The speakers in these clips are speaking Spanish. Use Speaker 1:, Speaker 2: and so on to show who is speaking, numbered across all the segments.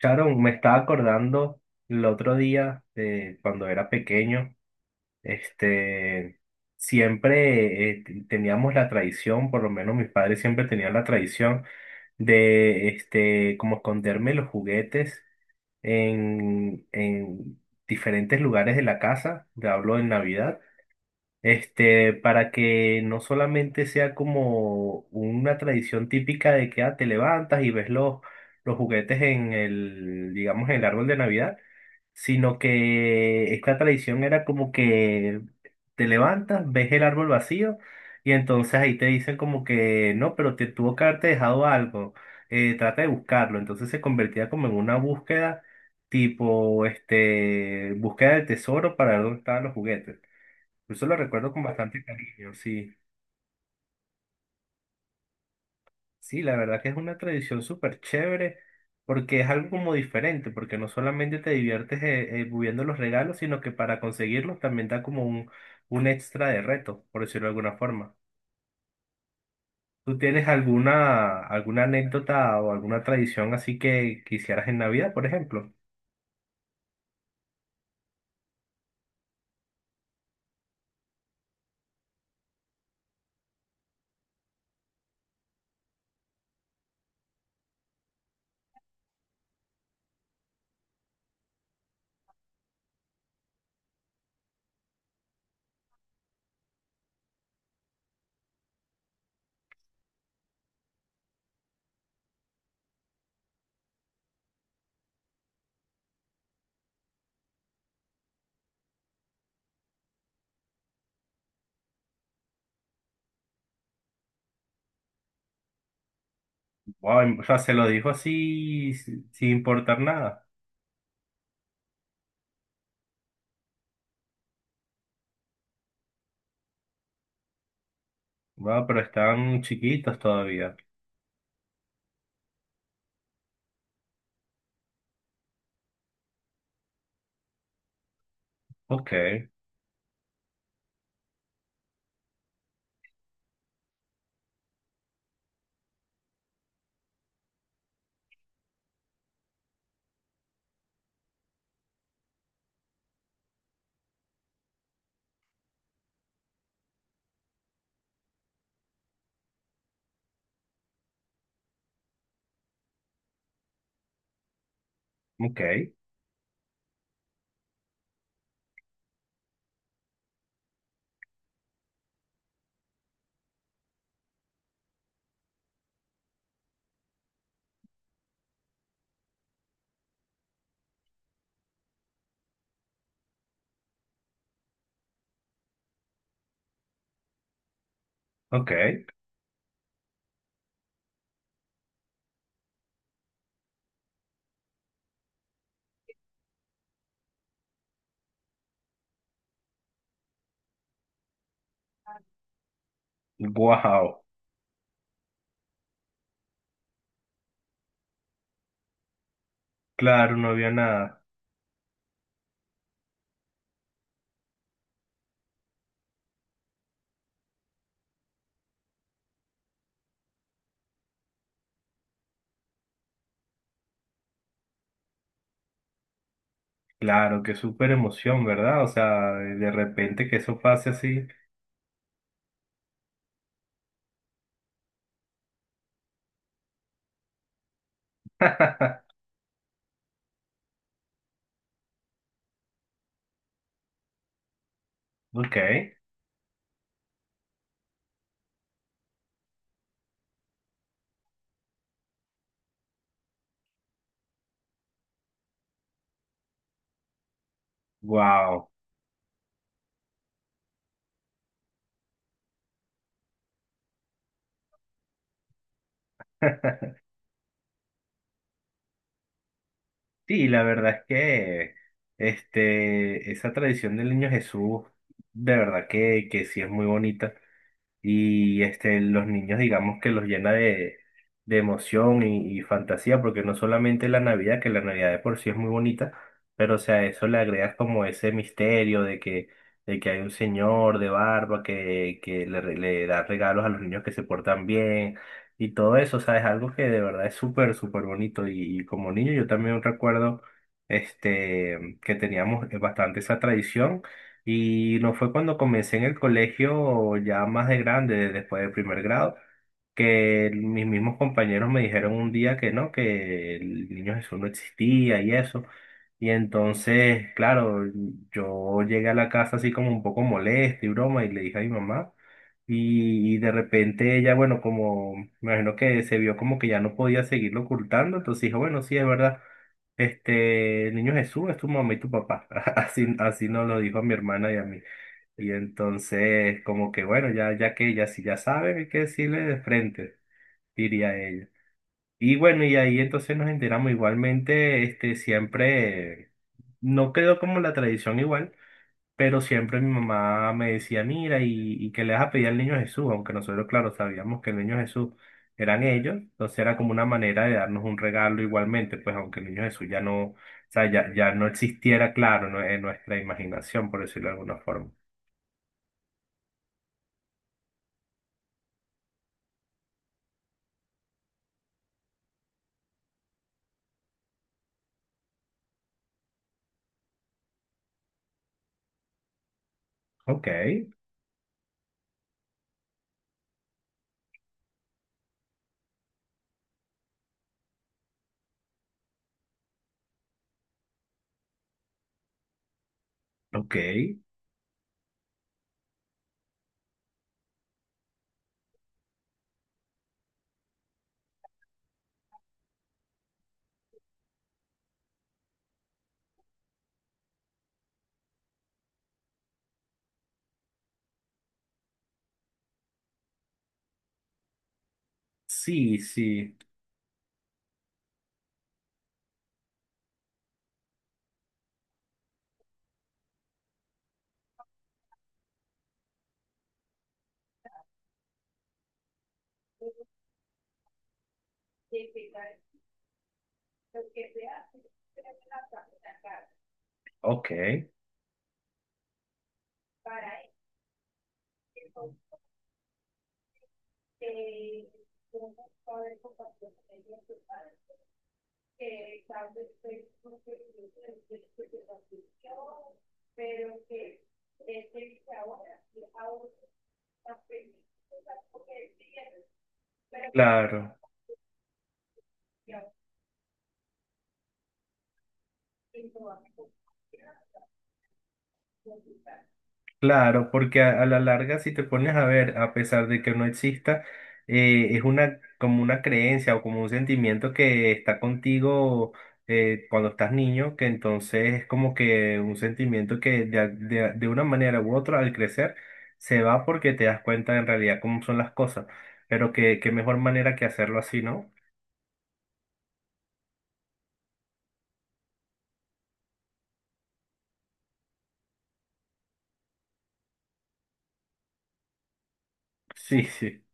Speaker 1: Sharon, me estaba acordando el otro día de cuando era pequeño, este, siempre teníamos la tradición. Por lo menos mis padres siempre tenían la tradición de, como esconderme los juguetes en diferentes lugares de la casa. Te hablo en Navidad. Para que no solamente sea como una tradición típica de que ah, te levantas y ves los juguetes en el, digamos, en el árbol de Navidad, sino que esta tradición era como que te levantas, ves el árbol vacío y entonces ahí te dicen como que no, pero te tuvo que haberte dejado algo, trata de buscarlo. Entonces se convertía como en una búsqueda tipo, búsqueda del tesoro para ver dónde estaban los juguetes. Pues, eso lo recuerdo con bastante cariño, sí. Sí, la verdad que es una tradición súper chévere, porque es algo como diferente, porque no solamente te diviertes moviendo los regalos, sino que para conseguirlos también da como un extra de reto, por decirlo de alguna forma. ¿Tú tienes alguna, alguna anécdota o alguna tradición así que quisieras en Navidad, por ejemplo? Wow, o sea, se lo dijo así sin importar nada. Wow, pero están chiquitos todavía. Ok, ok, ok. Wow. Claro, no había nada. Claro, qué súper emoción, ¿verdad? O sea, de repente que eso pase así. Ok, wow. Sí, la verdad es que esa tradición del niño Jesús, de verdad que sí es muy bonita. Y este, los niños digamos que los llena de emoción y fantasía, porque no solamente la Navidad, que la Navidad de por sí es muy bonita, pero o sea, a eso le agregas como ese misterio de que hay un señor de barba que le, le da regalos a los niños que se portan bien y todo eso. O sea, es algo que de verdad es súper, súper bonito y como niño yo también recuerdo que teníamos bastante esa tradición. Y lo fue cuando comencé en el colegio ya más de grande, después del primer grado, que mis mismos compañeros me dijeron un día que no, que el niño Jesús no existía y eso. Y entonces, claro, yo llegué a la casa así como un poco molesto y broma y le dije a mi mamá. Y de repente ella, bueno, como me imagino que se vio como que ya no podía seguirlo ocultando, entonces dijo, bueno, sí, es verdad. Este, el niño Jesús es tu mamá y tu papá. Así, así nos lo dijo a mi hermana y a mí. Y entonces, como que bueno, ya, ya que ya si ya saben, hay que decirle de frente, diría ella. Y bueno, y ahí entonces nos enteramos igualmente, siempre, no quedó como la tradición igual, pero siempre mi mamá me decía, mira, y que le vas a pedir al niño Jesús, aunque nosotros, claro, sabíamos que el niño Jesús eran ellos. Entonces era como una manera de darnos un regalo igualmente, pues aunque el niño Jesús ya no, o sea, ya, ya no existiera, claro, no- en nuestra imaginación, por decirlo de alguna forma. Ok, ok, sí, sí, ok, claro. Claro, porque a la larga, si te pones a ver, a pesar de que no exista, es una como una creencia o como un sentimiento que está contigo cuando estás niño, que entonces es como que un sentimiento que de, de una manera u otra al crecer se va porque te das cuenta en realidad cómo son las cosas, pero que qué mejor manera que hacerlo así, ¿no? Sí, sí.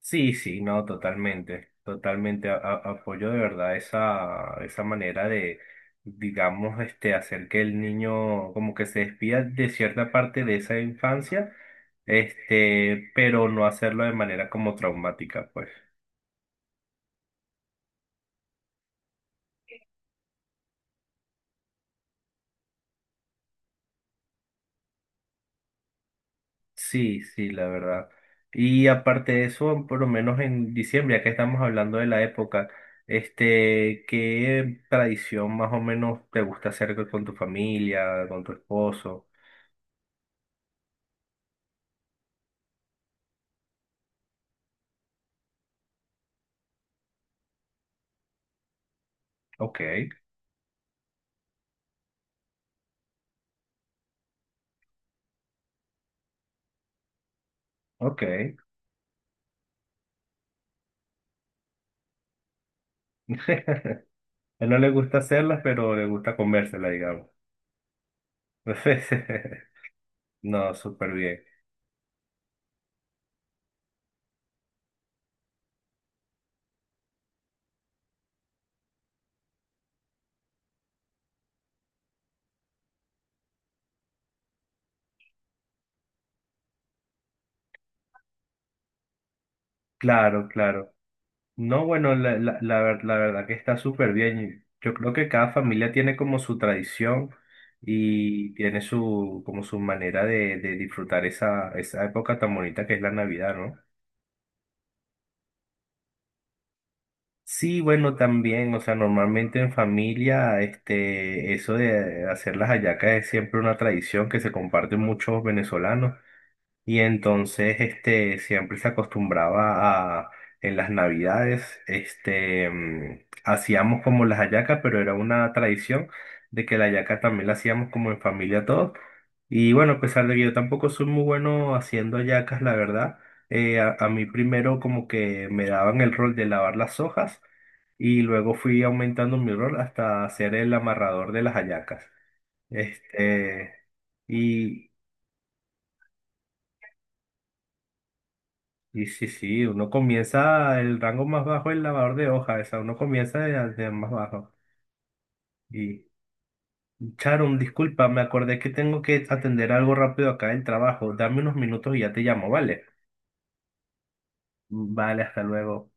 Speaker 1: Sí, sí, no, totalmente, totalmente. A apoyo de verdad esa, esa manera de, digamos, hacer que el niño como que se despida de cierta parte de esa infancia. Pero no hacerlo de manera como traumática, pues. Sí, sí, la verdad. Y aparte de eso, por lo menos en diciembre, ya que estamos hablando de la época, ¿qué tradición más o menos te gusta hacer con tu familia, con tu esposo? Ok. Ok. Él no le gusta hacerlas, pero le gusta comérselas, digamos. No, súper bien. Claro, claro. No, bueno, la verdad que está súper bien. Yo creo que cada familia tiene como su tradición y tiene su, como su manera de disfrutar esa, esa época tan bonita que es la Navidad, ¿no? Sí, bueno, también, o sea, normalmente en familia, eso de hacer las hallacas es siempre una tradición que se comparte muchos venezolanos. Y entonces, siempre se acostumbraba a, en las navidades, hacíamos como las hallacas, pero era una tradición de que la hallaca también la hacíamos como en familia todos. Y bueno, a pesar de que yo tampoco soy muy bueno haciendo hallacas, la verdad, a mí primero como que me daban el rol de lavar las hojas y luego fui aumentando mi rol hasta ser el amarrador de las hallacas. Este, y, Y sí, sí, uno comienza el rango más bajo, el lavador de hojas, o sea, uno comienza de más bajo. Y Sharon, disculpa, me acordé que tengo que atender algo rápido acá en el trabajo. Dame unos minutos y ya te llamo, ¿vale? Vale, hasta luego.